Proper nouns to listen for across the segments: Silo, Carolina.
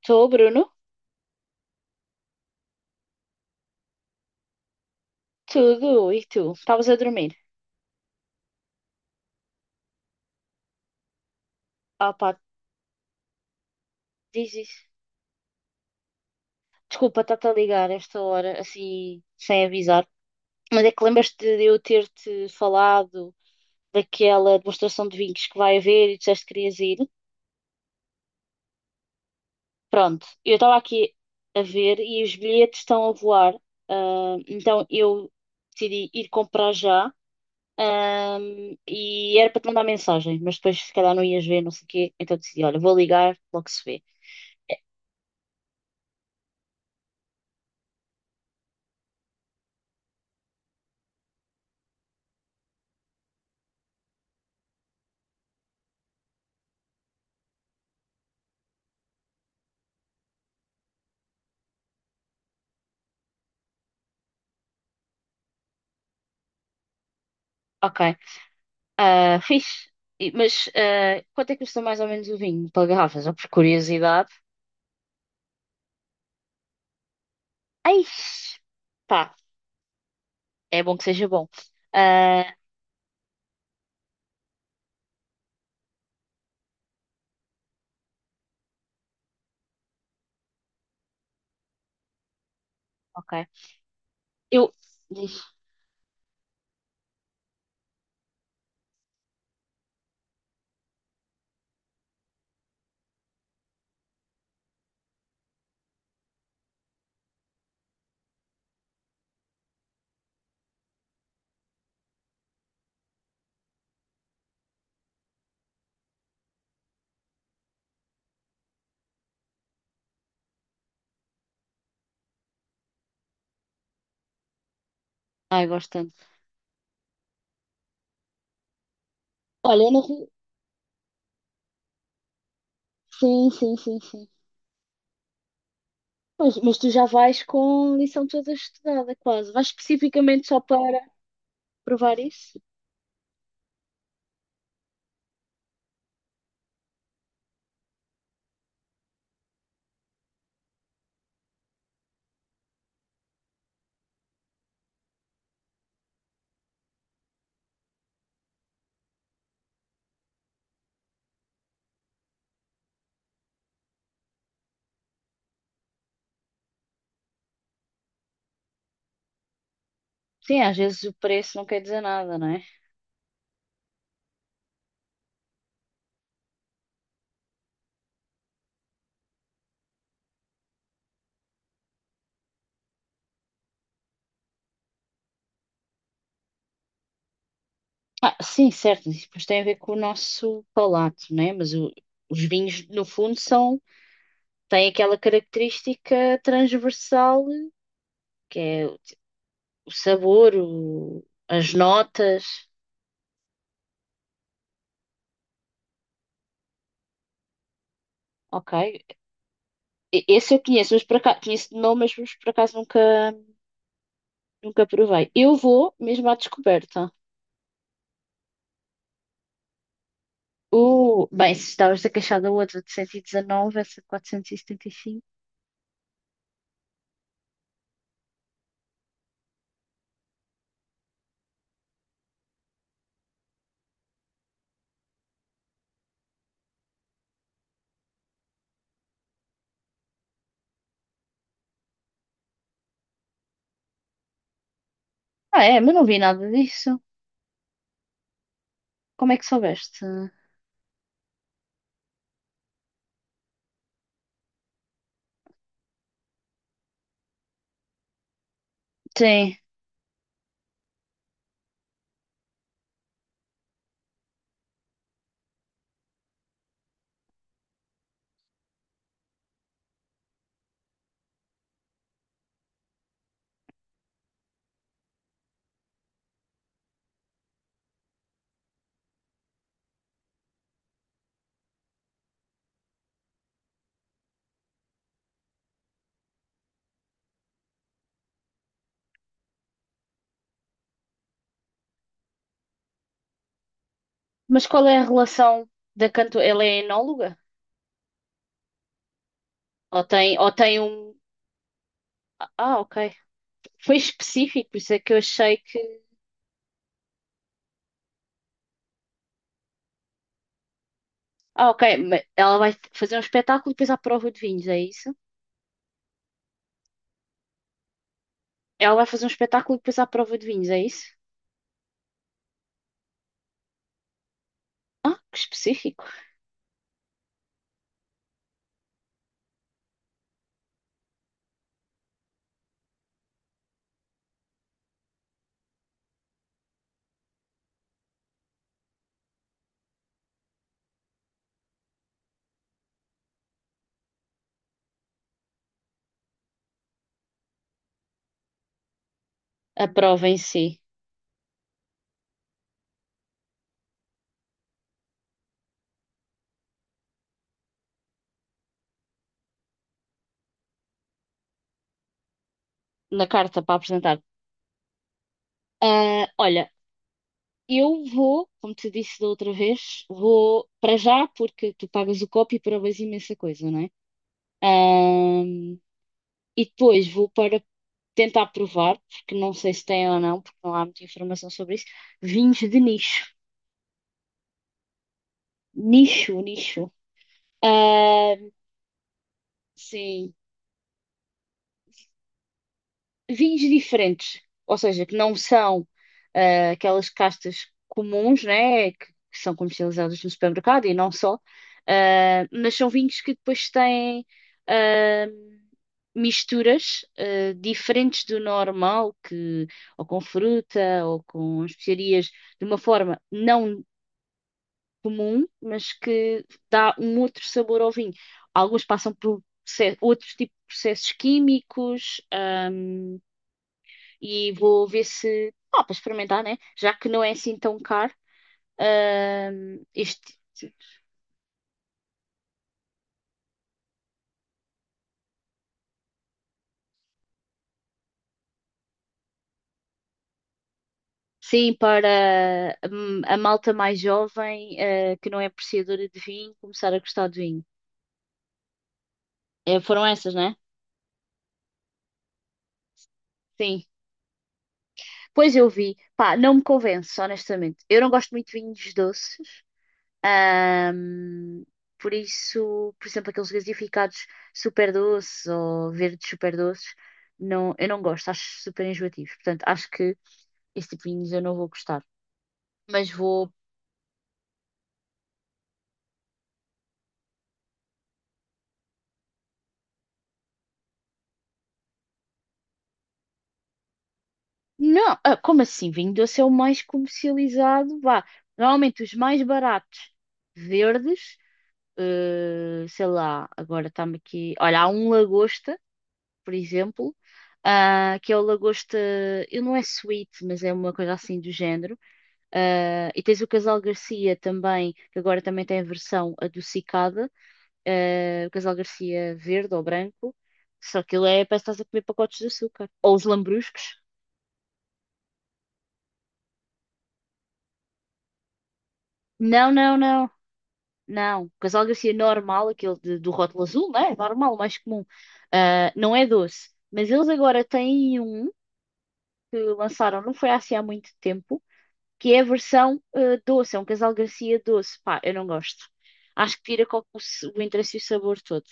Estou, Bruno? Tudo, e tu? Estavas a dormir? Ah pá, diz isso. Desculpa, estar te a ligar esta hora, assim, sem avisar. Mas é que lembras-te de eu ter-te falado daquela demonstração de vinhos que vai haver e disseste que querias ir? Pronto, eu estava aqui a ver e os bilhetes estão a voar. Ah, então eu decidi ir comprar já. Ah, e era para te mandar mensagem, mas depois se calhar não ias ver, não sei o quê. Então decidi, olha, vou ligar, logo se vê. Ok. Ah, fixe. Mas quanto é que custa mais ou menos o vinho para garrafas? Ou por curiosidade? Ai, pá, é bom que seja bom. Ah, ok. Eu. Diz. Ai, gosto tanto. Olha, eu não. Sim, sim, sim, sim. Pois, mas tu já vais com a lição toda estudada, quase. Vais especificamente só para provar isso? Sim, às vezes o preço não quer dizer nada, não é? Ah, sim, certo. Isso depois tem a ver com o nosso palato, não é? Mas os vinhos, no fundo, são tem aquela característica transversal que é o sabor, as notas. Ok. Esse eu conheço, mas por acaso, conheço de nome, mas por acaso nunca provei. Eu vou mesmo à descoberta. O, bem, se estavas a queixar da outra de 119, essa de 475. Ah, é, mas não vi nada disso. Como é que soubeste? Sim, mas qual é a relação da cantora? Ela é enóloga? Ou tem um. Ah, ok. Foi específico, por isso é que eu achei que... Ah, ok. Mas ela vai fazer um espetáculo e depois à prova de vinhos, é isso? Ela vai fazer um espetáculo e depois à prova de vinhos, é isso? Ah, que específico. A prova em si, na carta para apresentar. Ah, olha, eu vou, como te disse da outra vez, vou para já, porque tu pagas o copo e provas imensa coisa, não é? Ah, e depois vou para tentar provar, porque não sei se tem ou não, porque não há muita informação sobre isso, vinhos de nicho. Nicho, nicho. Ah, sim, vinhos diferentes, ou seja, que não são aquelas castas comuns, né, que são comercializadas no supermercado e não só, mas são vinhos que depois têm ah, misturas diferentes do normal, que ou com fruta ou com especiarias, de uma forma não comum, mas que dá um outro sabor ao vinho. Alguns passam por outros tipos de processos químicos. E vou ver se, para experimentar, né? Já que não é assim tão caro, este, sim, para a malta mais jovem, que não é apreciadora de vinho, começar a gostar de vinho. Foram essas, né? Sim. Pois eu vi. Pá, não me convence, honestamente. Eu não gosto muito de vinhos doces. ahm, por isso, por exemplo, aqueles gasificados super doces ou verdes super doces, não, eu não gosto, acho super enjoativo. Portanto, acho que esse tipo de vinhos eu não vou gostar. Mas vou. Não, como assim? Vinho doce é o mais comercializado. Vá. Normalmente os mais baratos, verdes, sei lá, agora está-me aqui. Olha, há um lagosta, por exemplo, que é o lagosta. Ele não é sweet, mas é uma coisa assim do género. Ah, e tens o Casal Garcia também, que agora também tem a versão adocicada. O Casal Garcia verde ou branco. Só que ele é, parece que estás a comer pacotes de açúcar. Ou os lambruscos. Não, não, não. Não. O Casal Garcia normal, aquele do rótulo azul, né? Normal, mais comum. Ah, não é doce. Mas eles agora têm um que lançaram, não foi assim há muito tempo, que é a versão doce. É um Casal Garcia doce. Pá, eu não gosto. Acho que tira com o interesse e o sabor todo.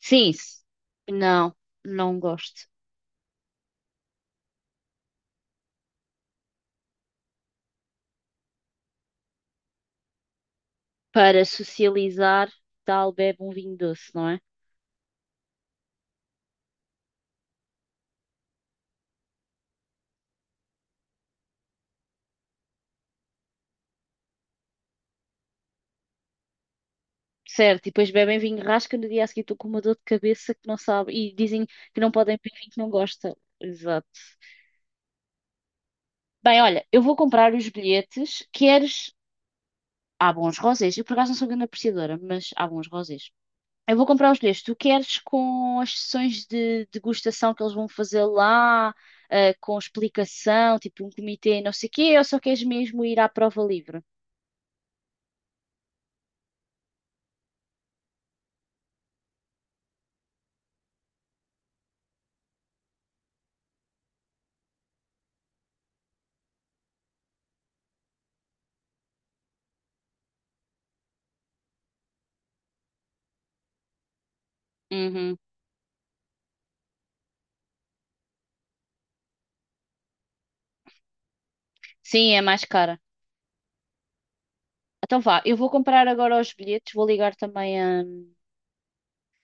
Sim. Não, não gosto. Para socializar, tal, bebe um vinho doce, não é? Certo, e depois bebem vinho rasca no dia a seguir estou com uma dor de cabeça que não sabe e dizem que não podem beber vinho que não gosta. Exato. Bem, olha, eu vou comprar os bilhetes. Queres? Há bons rosés. Eu por acaso não sou grande apreciadora, mas há bons rosés. Eu vou comprar os bilhetes. Tu queres com as sessões de degustação que eles vão fazer lá, com explicação, tipo um comitê, não sei o quê, ou só queres mesmo ir à prova livre? Uhum. Sim, é mais cara. Então vá, eu vou comprar agora os bilhetes,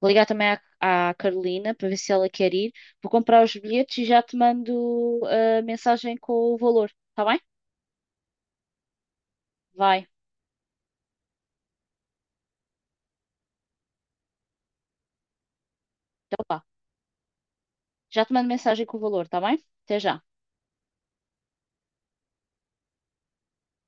vou ligar também à Carolina para ver se ela quer ir. Vou comprar os bilhetes e já te mando a mensagem com o valor, tá bem? Vai, então vá. Já te mando mensagem com o valor, tá bem? Até já.